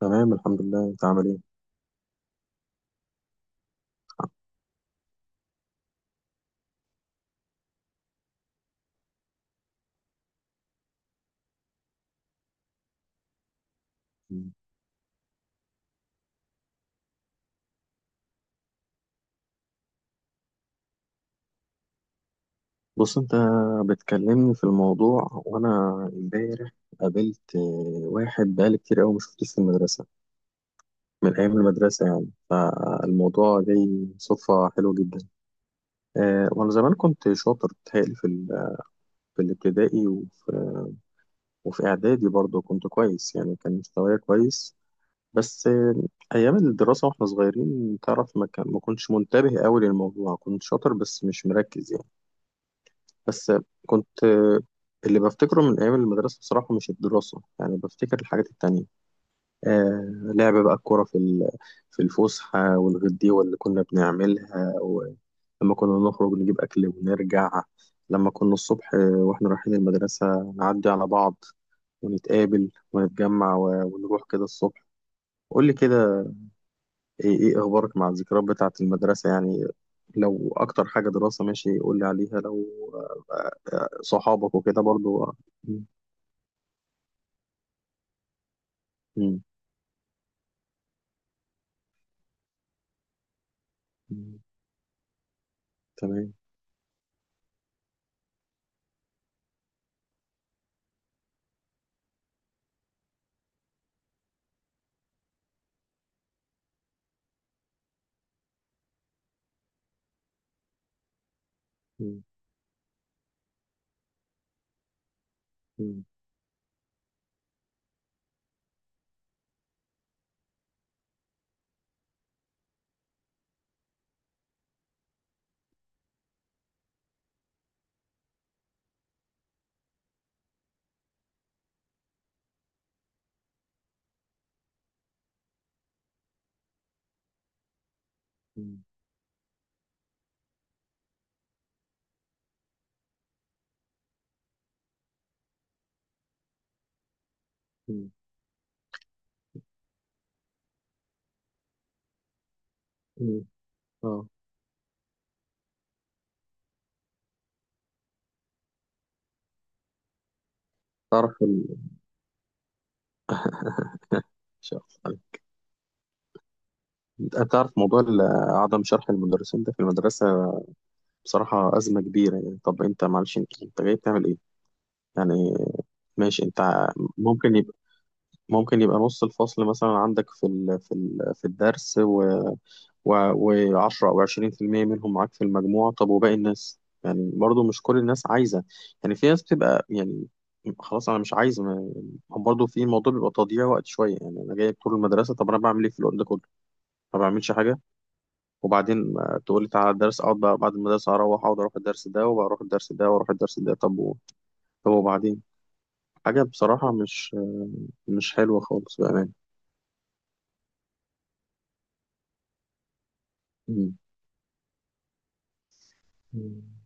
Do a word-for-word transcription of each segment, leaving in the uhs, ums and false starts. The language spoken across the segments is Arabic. تمام، الحمد لله. انت عامل ايه؟ بص، انت بتكلمني في الموضوع وانا امبارح قابلت آه، واحد بقالي كتير قوي ما شفتوش في المدرسه، من ايام المدرسه يعني. فالموضوع جاي صدفه حلوه جدا. آه، وانا زمان كنت شاطر بتهيألي في ال- في الابتدائي، وفي, وفي اعدادي برضه كنت كويس يعني، كان مستواي كويس. بس آه، ايام الدراسه واحنا صغيرين تعرف، ما كان ما كنتش منتبه قوي للموضوع، كنت شاطر بس مش مركز يعني. بس كنت آه، اللي بفتكره من أيام المدرسة بصراحة مش الدراسة يعني، بفتكر الحاجات التانية. آه، لعب بقى الكورة في ال- في الفسحة، والغديوة اللي كنا بنعملها، ولما كنا نخرج نجيب أكل ونرجع. لما كنا الصبح آه، وإحنا رايحين المدرسة نعدي على بعض ونتقابل ونتجمع و- ونروح كده الصبح. قول لي كده، ايه ايه اخبارك مع الذكريات بتاعة المدرسة يعني؟ لو اكتر حاجة دراسة ماشي قول لي عليها، لو آه، آه، صحابك وكده برضو، آه. مم. مم. مم. تمام. مم. مم. مم. مم. مم. اه. تعرف ال... شخص. تعرف موضوع ال- عدم شرح المدرسين ده في المدرسة بصراحة أزمة كبيرة يعني. طب أنت، معلش، أنت أنت جاي بتعمل إيه؟ يعني ماشي. أنت ع- ممكن يبقى، ممكن يبقى نص الفصل مثلا عندك في ال... في ال... في الدرس، و10 او عشرين في المية منهم معاك في المجموع. طب وباقي الناس؟ يعني برضو مش كل الناس عايزة، يعني في ناس بتبقى يعني خلاص انا مش عايز. ما، هو برضه في الموضوع بيبقى تضييع وقت شويه، يعني انا جايب طول المدرسه، طب انا بعمل ايه في الوقت ده كله؟ ما بعملش حاجه. وبعدين آه، تقول لي تعالى الدرس، اقعد بقى بعد المدرسه اروح اقعد، اروح الدرس ده وبروح الدرس ده واروح الدرس ده. طب و... طب وبعدين، حاجه بصراحه مش مش حلوه خالص بامانه. مم. مم.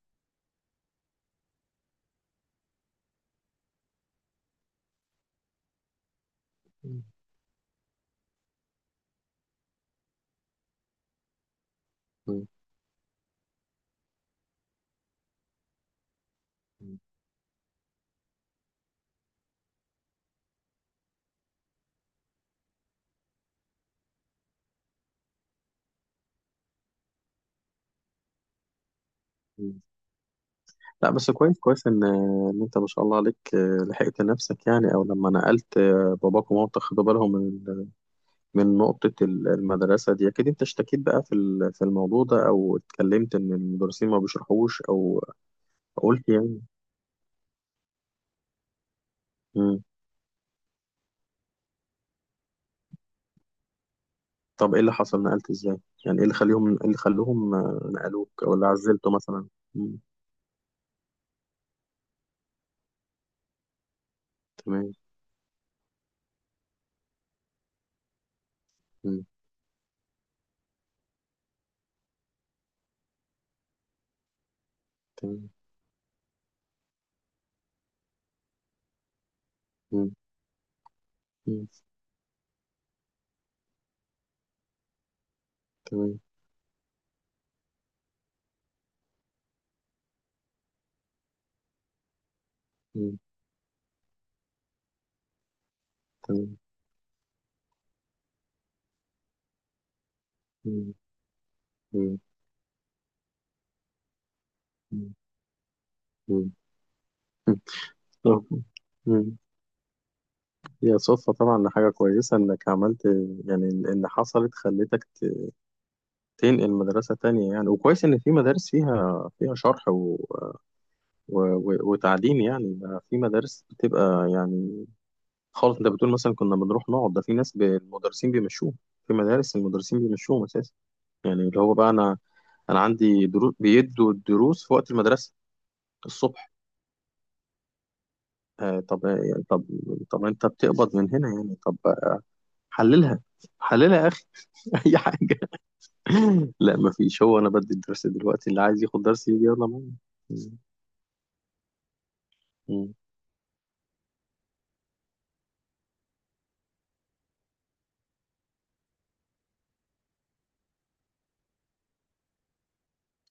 مم. لا بس كويس كويس ان ان انت ما شاء الله عليك، آه، لحقت نفسك يعني، او لما نقلت، آه، باباك ومامتك خدوا بالهم من ال- من نقطة ال- المدرسة دي. اكيد انت اشتكيت بقى في ال- في الموضوع ده، او اتكلمت ان المدرسين ما بيشرحوش، او قلت يعني. مم. طب ايه اللي حصل نقلت ازاي؟ يعني ايه اللي خليهم، ايه اللي خلوهم آه، نقلوك او اللي عزلته مثلا؟ مم. تمام. مم. تمام. مم. مم. تمام. مم. تمام. مم. مم. مم. مم. مم. هي صدفة طبعا، حاجة كويسة إنك عملت، يعني اللي حصلت خلتك ت- تنقل مدرسة تانية يعني. وكويس إن في مدارس فيها، فيها شرح و... و... و... وتعليم يعني. ده في مدارس بتبقى يعني خالص. أنت بتقول مثلا كنا بنروح نقعد، ده في ناس ب... المدرسين بيمشوهم. في مدارس المدرسين بيمشوهم أساسا، يعني اللي هو بقى أنا، أنا عندي دروس بيدوا الدروس في وقت المدرسة الصبح. آه طب يعني، طب طب أنت بتقبض من هنا يعني. طب حللها، حللها يا أخي. أي حاجة. لا ما فيش، هو انا بدي الدرس دلوقتي، اللي عايز ياخد درس يجي يلا معايا. مم. مم.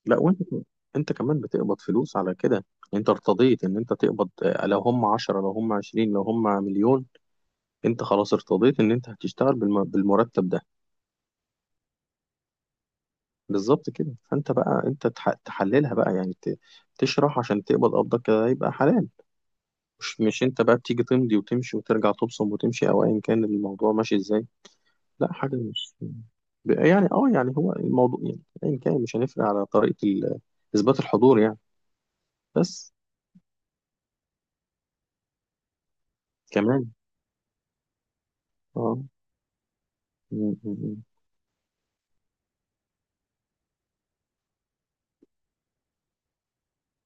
لا وانت ك- انت كمان بتقبض فلوس على كده. انت ارتضيت ان انت تقبض، آه، لو هم عشرة لو هم عشرين لو هم مليون، انت خلاص ارتضيت ان انت هتشتغل بالم- بالمرتب ده. بالظبط كده. فانت بقى انت تح- تحللها بقى، يعني ت- تشرح عشان تقبض. قبضك كده يبقى حلال. مش مش انت بقى بتيجي تمضي وتمشي وترجع تبصم وتمشي، او ايا كان الموضوع ماشي ازاي؟ لا حاجة مش، يعني اه يعني هو الموضوع يعني ايا كان، مش هنفرق على طريقة ال- اثبات الحضور يعني. بس كمان. اه. م- م- م.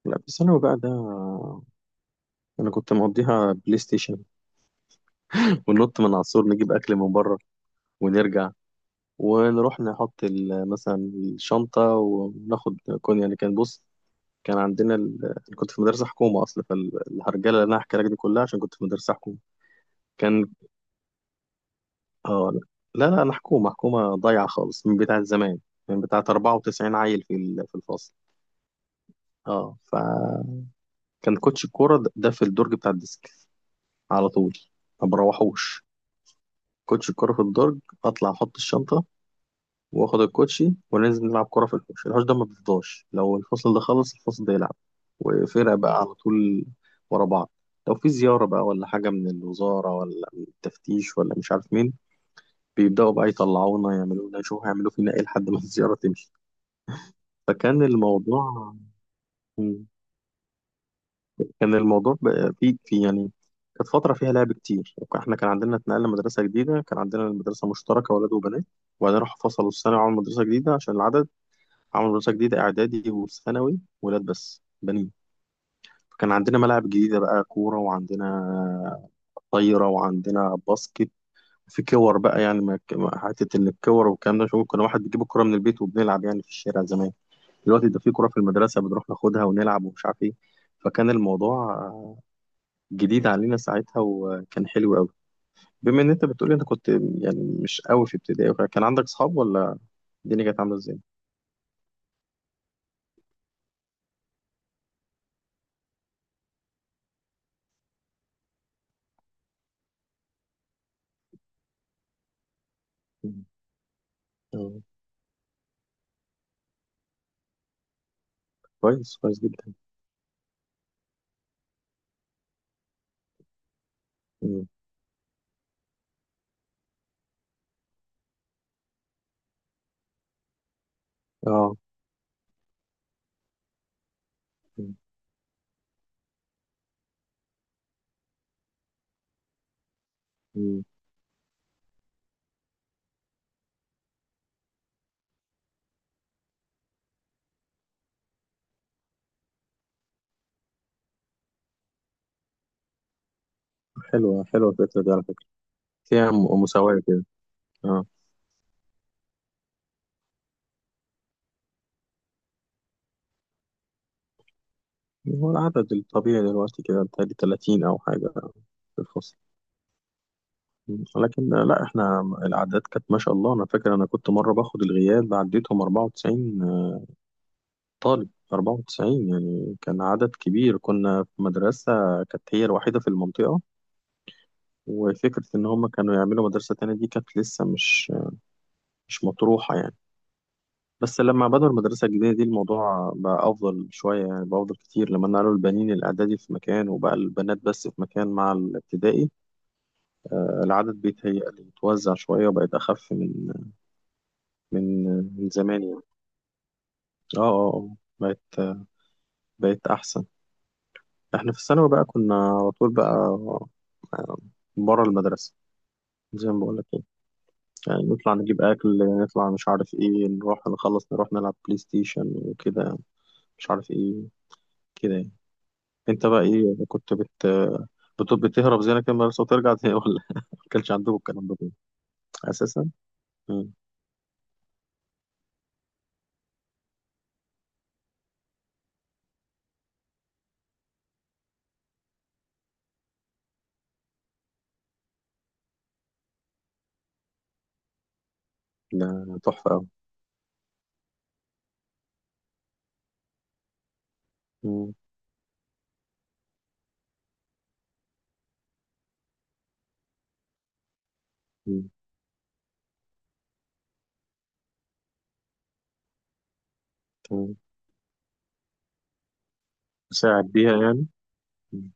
لا في ثانوي بقى ده، انا كنت مقضيها بلاي ستيشن. وننط من على السور نجيب اكل من بره ونرجع. ونروح نحط ال- مثلا الشنطة وناخد كون، يعني. كان بص، كان عندنا ال... كنت في مدرسة حكومة أصلا، فالهرجلة اللي أنا هحكي لك دي كلها عشان كنت في مدرسة حكومة. كان اه. لا لا لا، حكومة حكومة ضايعة خالص من بتاعة زمان، من بتاعة أربعة وتسعين عيل في ال- في الفصل. اه فكان كوتش الكورة ده ده في الدرج بتاع الديسك على طول، ما بروحوش. كوتش الكورة في الدرج، اطلع احط الشنطة واخد الكوتشي وننزل نلعب كورة في الحوش. الحوش ده ما بيفضاش، لو الفصل ده خلص الفصل ده يلعب، وفرق بقى على طول ورا بعض. لو في زيارة بقى ولا حاجة من الوزارة ولا من التفتيش ولا مش عارف مين، بيبدأوا بقى يطلعونا يعملونا يشوفوا هيعملوا فينا ايه لحد ما الزيارة تمشي. فكان الموضوع. مم. كان الموضوع بقى في في يعني كانت فترة فيها لعب كتير. احنا كان عندنا اتنقلنا مدرسة جديدة، كان عندنا المدرسة مشتركة ولاد وبنات، وبعدين راحوا فصلوا الثانوي وعملوا مدرسة جديدة عشان العدد. عملوا مدرسة جديدة إعدادي وثانوي ولاد بس، بنين. فكان عندنا ملاعب جديدة بقى، كورة وعندنا طايرة وعندنا باسكت. في كور بقى يعني، ما ما- حتة إن الكور والكلام ده، شوف كنا واحد بيجيب الكورة من البيت وبنلعب يعني في الشارع زمان. دلوقتي ده في كرة في المدرسة بنروح ناخدها ونلعب ومش عارف ايه. فكان الموضوع آه، جديد علينا ساعتها وكان حلو قوي. بما ان انت بتقولي انت كنت يعني مش قوي في ابتدائي وكده، كان عندك صحاب ولا الدنيا كانت عاملة ازاي؟ مم. آه، كويس كويس جدا. مم. اه. مم. مم. حلوة حلوة الفكرة دي على فكرة، فيها م- مساواة كده. اه. هو العدد الطبيعي دلوقتي كده بتهيألي تلاتين أو حاجة في الفصل. مم. لكن آه، لا احنا الأعداد كانت ما شاء الله، أنا فاكر أنا كنت مرة باخد الغياب عديتهم أربعة وتسعين. طالب أربعة وتسعين يعني، كان عدد كبير، كنا في مدرسة كانت هي الوحيدة في المنطقة. وفكرة إن هم كانوا يعملوا مدرسة تانية دي كانت لسه مش مش مطروحة يعني. بس لما بدأوا المدرسة الجديدة دي الموضوع بقى أفضل شوية، يعني بقى أفضل كتير لما نقلوا البنين الإعدادي في مكان وبقى البنات بس في مكان مع الابتدائي. العدد بيتهيألي اتوزع شوية، وبقت أخف من من من زمان يعني. اه اه. آه. بقت بقت أحسن. احنا في الثانوي بقى كنا على طول بقى آه، بره المدرسة، زي ما بقول لك كده. يعني نطلع نجيب أكل، نطلع مش عارف إيه، نروح نخلص نروح نلعب بلاي ستيشن وكده، مش عارف إيه كده يعني. أنت بقى إيه كنت بت بت- بتهرب زي أنا كده من المدرسة وترجع تاني، ولا ما كانش عندكم الكلام ده أساسا؟ مم. لا تحفة أوي. مم. مم. مم. ساعد بيها يعني. مم.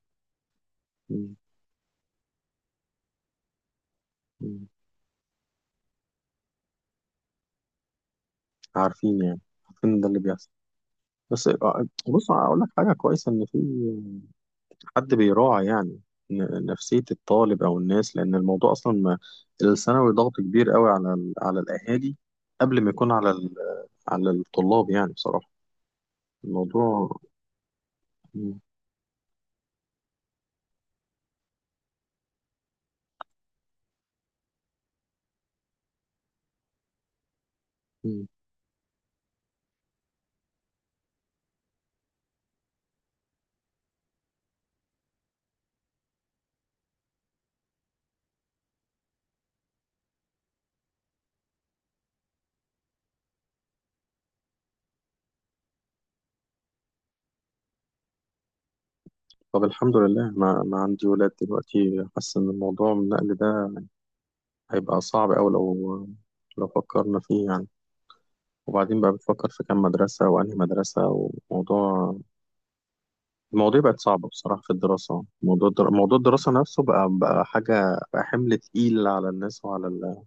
مم. مم. عارفين يعني، عارفين ده اللي بيحصل. بس آه، بص أقول لك حاجة كويسة إن في حد بيراعي يعني ن- نفسية الطالب أو الناس، لأن الموضوع أصلا ما. الثانوي ضغط كبير قوي على ال- على الأهالي قبل ما يكون على ال- على الطلاب يعني بصراحة. الموضوع م- م. طب الحمد لله ما, ما عندي ولاد دلوقتي، حاسس إن الموضوع النقل ده هيبقى صعب أوي لو، لو فكرنا فيه يعني. وبعدين بقى بتفكر في كام مدرسة وأنهي مدرسة، وموضوع، المواضيع بقت صعبة بصراحة في الدراسة. موضوع الدرا... موضوع الدراسة نفسه بقى، بقى حاجة، بقى حمل تقيل على الناس وعلى ال...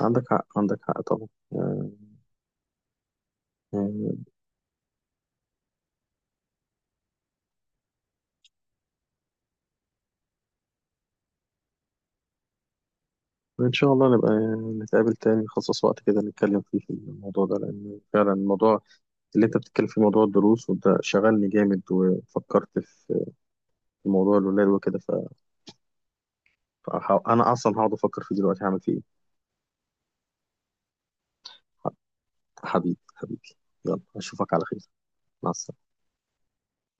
عندك حق عندك حق طبعا. آه، آه، إن شاء الله نبقى نتقابل تاني، نخصص وقت كده نتكلم فيه في الموضوع ده، لأن فعلا الموضوع اللي أنت بتتكلم فيه، موضوع الدروس، وده شغلني جامد وفكرت في، في موضوع الولاد وكده. ف... فه- أنا أصلا هقعد أفكر فيه دلوقتي هعمل فيه إيه. حبيبي حبيبي، يلا أشوفك على خير. مع السلامة.